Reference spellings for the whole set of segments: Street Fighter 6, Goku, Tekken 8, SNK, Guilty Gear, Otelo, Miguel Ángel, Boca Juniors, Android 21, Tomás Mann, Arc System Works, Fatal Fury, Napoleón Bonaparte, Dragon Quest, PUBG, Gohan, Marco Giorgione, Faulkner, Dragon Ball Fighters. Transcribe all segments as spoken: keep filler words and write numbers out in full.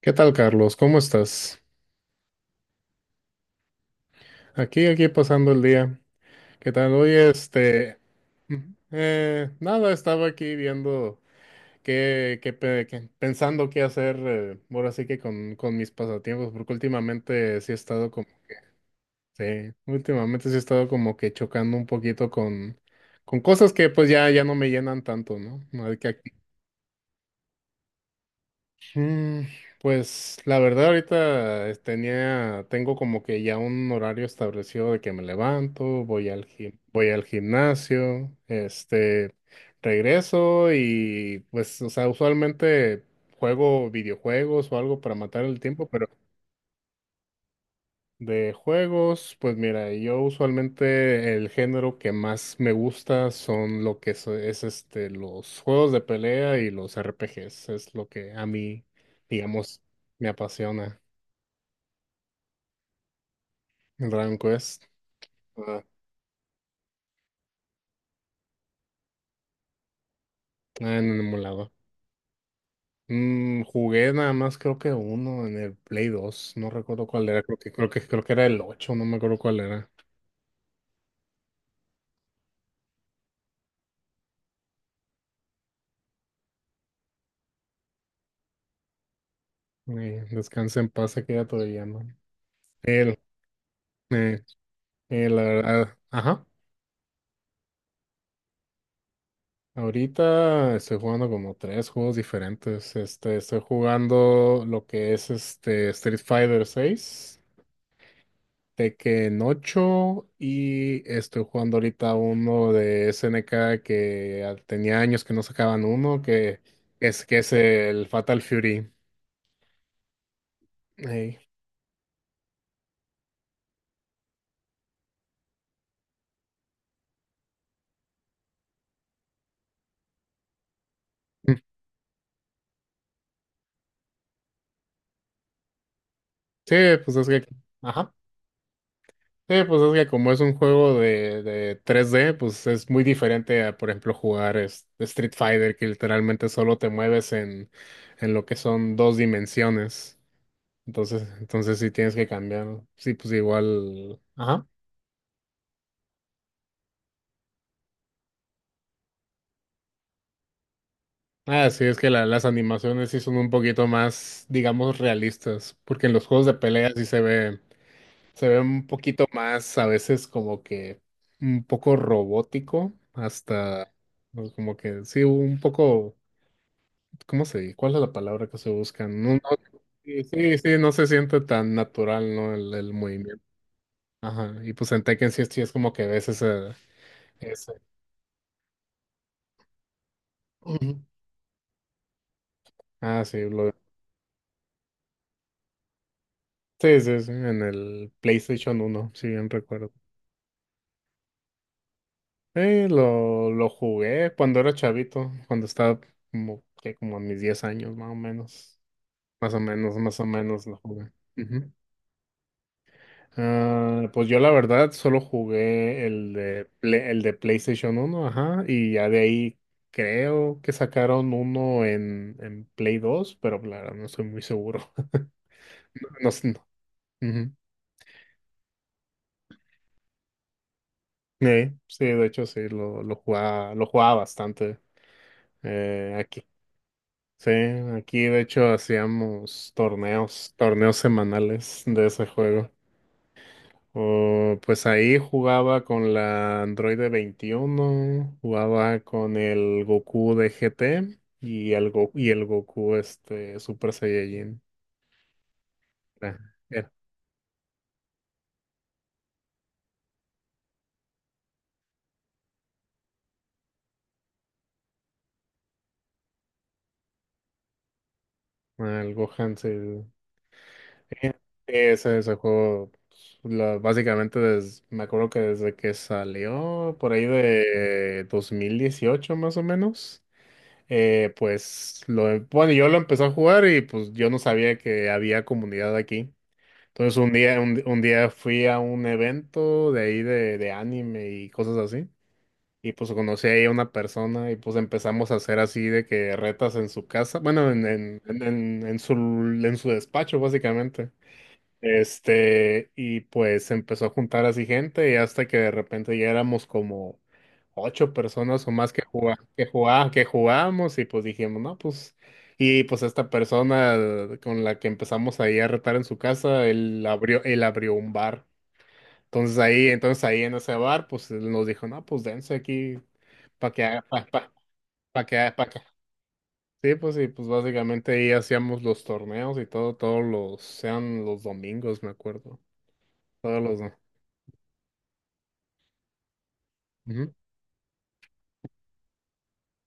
¿Qué tal, Carlos? ¿Cómo estás? Aquí, aquí pasando el día. ¿Qué tal? Oye, este, mm, eh, nada, estaba aquí viendo qué, qué, pe- qué- pensando qué hacer, eh, ahora sí que con, con mis pasatiempos, porque últimamente sí he estado como, sí, últimamente sí he estado como que chocando un poquito con, con cosas que pues ya, ya no me llenan tanto, ¿no? Mm, pues la verdad ahorita es- tenía, tengo como que ya un horario establecido de que me levanto, voy al gim- voy al gimnasio, este, regreso y pues, o sea, usualmente juego videojuegos o algo para matar el tiempo. De juegos, pues mira, yo usualmente el género que más me gusta son lo que es, es, este los juegos de pelea y los R P Gs, es lo que a mí, digamos, me apasiona. El Dragon Quest. Ah, ah, en el emulador. Mm, jugué nada más creo que uno en el Play dos, no recuerdo cuál era, creo que creo que creo que era el ocho, no me acuerdo cuál era. Eh, descansa en paz aquella todavía, ¿no? El, eh, eh, la verdad, ajá. Ahorita estoy jugando como tres juegos diferentes. Este, estoy jugando lo que es este Street Fighter seis, Tekken ocho y estoy jugando ahorita uno de S N K que ah, tenía años que no sacaban uno, que es que es el Fatal Fury. Ey. Sí, pues es que, ajá. Sí, pues es que como es un juego de, de tres d, pues es muy diferente a, por ejemplo, jugar es- Street Fighter, que literalmente solo te mueves en, en lo que son dos dimensiones. Entonces, entonces sí tienes que cambiar, ¿no? Sí, pues igual. Ajá. Ah, sí, es que la- las animaciones sí son un poquito más, digamos, realistas, porque en los juegos de pelea sí se ve, se ve un poquito más, a veces como que un poco robótico, hasta pues, como que sí, un poco. ¿Cómo se? ¿Cuál es la palabra que se busca? No, no, sí, sí, sí, no se siente tan natural, ¿no? El, el movimiento. Ajá. Y pues en Tekken sí, es sí es como que ves ese, ese. Ujú. Ah, sí, lo, sí, sí, sí, en el PlayStation uno, si bien recuerdo. Eh, lo, lo jugué cuando era chavito, cuando estaba como, que como a mis diez años, más o menos. Más o menos, más o menos lo jugué. Ujú. Ah, pues yo la verdad solo jugué el de, Play- el de PlayStation uno, ajá, y ya de ahí creo que sacaron uno en, en Play dos, pero la verdad no estoy muy seguro. No, no sé, no. Ujú. Eh, sí, de hecho sí, lo, lo jugaba, lo jugaba bastante eh, aquí. Sí, aquí de hecho hacíamos torneos, torneos semanales de ese juego. Oh, pues ahí jugaba con la Android veintiuno, jugaba con el Goku de G T y el, Go- y el Goku este, Super Saiyajin. Era, era, ah, el Gohan, sí. Ese, ese juego, pues, la- básicamente des- me acuerdo que desde que salió, por ahí de dos mil dieciocho, más o menos, eh, pues lo, bueno, yo lo empecé a jugar y pues yo no sabía que había comunidad aquí. Entonces un día, un, un día fui a un evento de ahí de, de anime y cosas así. Y pues conocí ahí a una persona y pues empezamos a hacer así de que retas en su casa, bueno, en, en, en, en en su, en su despacho básicamente. Este, y pues empezó a juntar así gente y hasta que de repente ya éramos como ocho personas o más que jugá- que jugá- que jugábamos y pues dijimos, no, pues, y pues esta persona con la que empezamos ahí a retar en su casa, él abrió, él abrió un bar. Entonces ahí, entonces ahí en ese bar, pues él nos dijo, no, pues dense aquí para que haga, para pa, pa pa que haga, pa que. Sí, pues y pues básicamente ahí hacíamos los torneos y todo, todos los, sean los domingos, me acuerdo. Todos los, Ujú,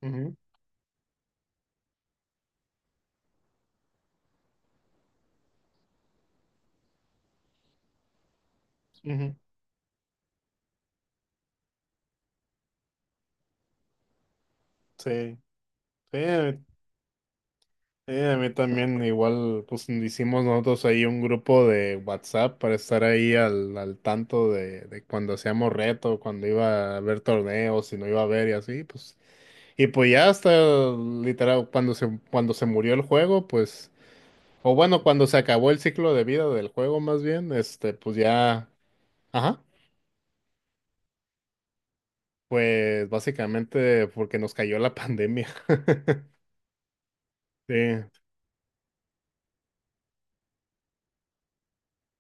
ujú, ujú. Sí, sí, a mí sí, a mí también igual, pues hicimos nosotros ahí un grupo de WhatsApp para estar ahí al, al tanto de, de cuando hacíamos reto, cuando iba a haber torneos, si no iba a haber y así, pues. Y pues ya hasta literal, cuando se, cuando se murió el juego, pues, o bueno, cuando se acabó el ciclo de vida del juego más bien, este, pues ya, ajá, pues básicamente porque nos cayó la pandemia. Sí,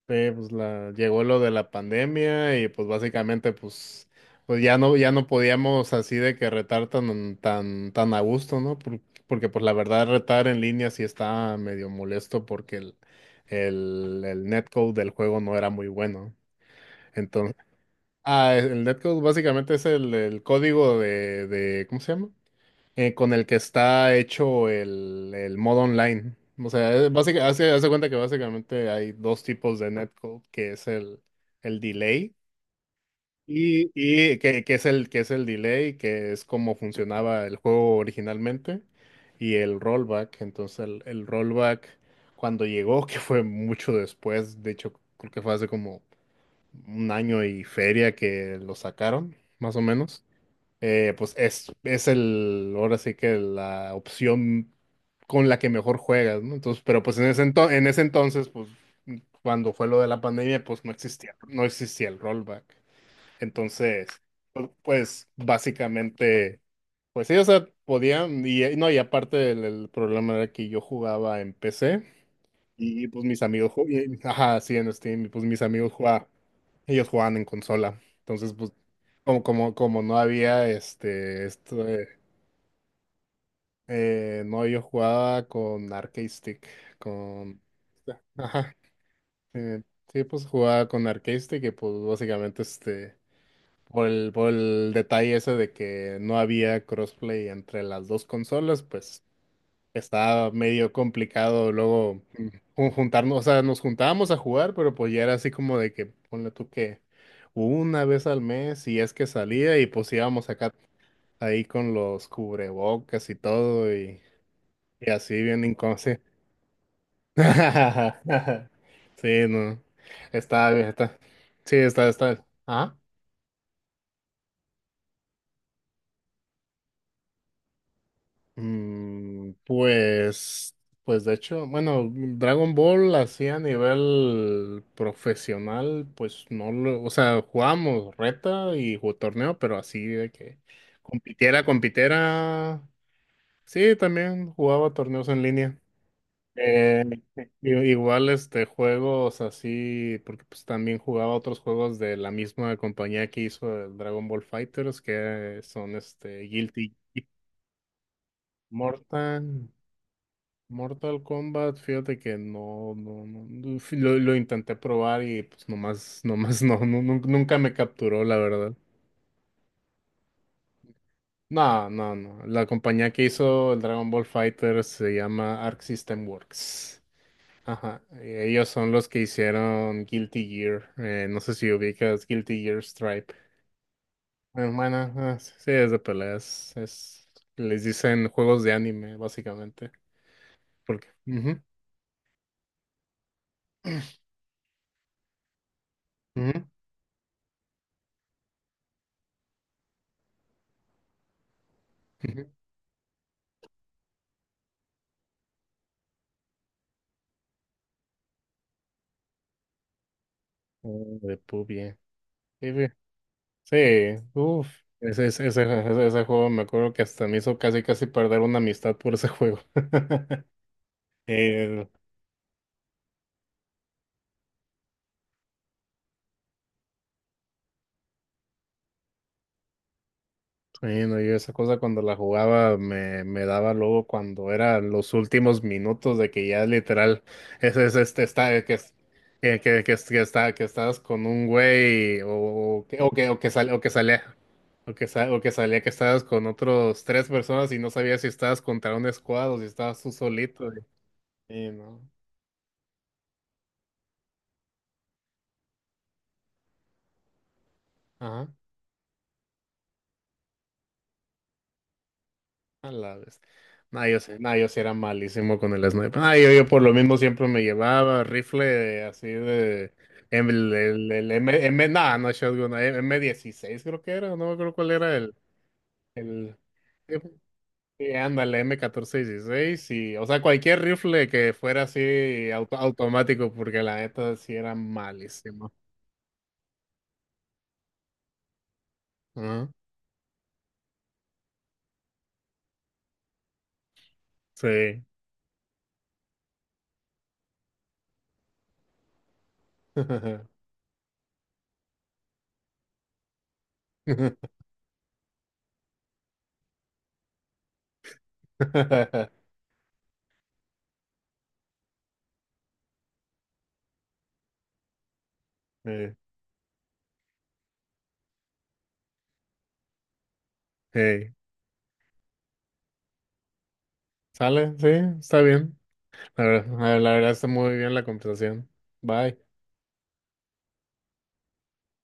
sí, pues la, llegó lo de la pandemia y pues básicamente pues, pues ya no, ya no podíamos así de que retar tan, tan, tan a gusto, ¿no? Por- porque pues la verdad retar en línea sí estaba medio molesto, porque el, el, el netcode del juego no era muy bueno. Entonces, ah, el netcode básicamente es el, el código de, de, ¿cómo se llama? eh, con el que está hecho el, el modo online. O sea, es básica- hace, hace cuenta que básicamente hay dos tipos de netcode, que es el, el delay y, y que, que es el, que es el delay, que es como funcionaba el juego originalmente, y el rollback. Entonces el, el rollback cuando llegó, que fue mucho después, de hecho creo que fue hace como un año y feria que lo sacaron, más o menos. Eh, pues es, es el, ahora sí que la opción con la que mejor juegas, ¿no? Entonces, pero pues en ese ento- en ese entonces, pues cuando fue lo de la pandemia, pues no existía, no existía el rollback. Entonces, pu- pues básicamente, pues sí, o sea, podían, y eh, no, y aparte el, el problema era que yo jugaba en P C y pues mis amigos, ju- y- ajá, sí, en Steam, y pues mis amigos jugaban, ellos jugaban en consola. Entonces, pues como, como, como no había este, esto de- eh, no, yo jugaba con Arcade Stick, con, ajá, eh, sí, pues jugaba con Arcade Stick y pues básicamente este, por el, por el detalle ese de que no había crossplay entre las dos consolas, pues estaba medio complicado luego mm, jun- juntarnos, o sea, nos juntábamos a jugar, pero pues ya era así como de que, ponle tú que una vez al mes, si es que salía, y pues íbamos acá ahí con los cubrebocas y todo, y, y así bien inconsciente. Sí, no. Está bien, está. Sí, está, está. Ah. Mm, pues, pues de hecho, bueno, Dragon Ball así a nivel profesional, pues no lo, o sea, jugábamos reta y ju- torneo, pero así de que compitiera, compitiera. Sí, también jugaba torneos en línea. Eh, i- Igual este juegos así, porque pues también jugaba otros juegos de la misma compañía que hizo el Dragon Ball Fighters, que son este Guilty. Mortal, Mortal Kombat, fíjate que no, no, no, no, fi- lo, lo intenté probar y pues nomás, nomás no, no, nun- nunca me capturó, la verdad. No, no, no. La compañía que hizo el Dragon Ball Fighter se llama Arc System Works. Ajá, eh, ellos son los que hicieron Guilty Gear. Eh, no sé si ubicas Guilty Gear Stripe. Eh, Bueno, ah, sí, sí, es de peleas. Es, les dicen juegos de anime, básicamente. Porque, ujú, ujú, ujú. Oh, de P U B G. Sí, güey. Sí, uff. Ese, ese, ese, ese- ese juego, me acuerdo que hasta me hizo casi casi perder una amistad por ese juego. Eh, Bueno, yo esa cosa, cuando la jugaba me, me daba luego cuando eran los últimos minutos de que ya literal es, es- este está eh, que es- que, que, que, es- que está que estabas con un güey, o, o que o que o que sale o que salía o que sa- o que salía que estabas con otros tres personas y no sabías si estabas contra un squad o si estabas tú solito. Y, y no. Ajá. A la vez. No, yo sí, no, yo sí era malísimo con el sniper. No, yo, yo por lo mismo siempre me llevaba rifle así de. Em- El, el, el M, M, nah, no, shotgun, eh, m dieciséis creo que era, no me acuerdo cuál era el. el sí, ándale, m catorce dieciséis y. O sea, cualquier rifle que fuera así auto- automático porque la neta sí era malísimo. Ajá, sí. Sí. Hey, ¿sale? Sí, está bien. La verdad, la verdad está muy bien la conversación. Bye.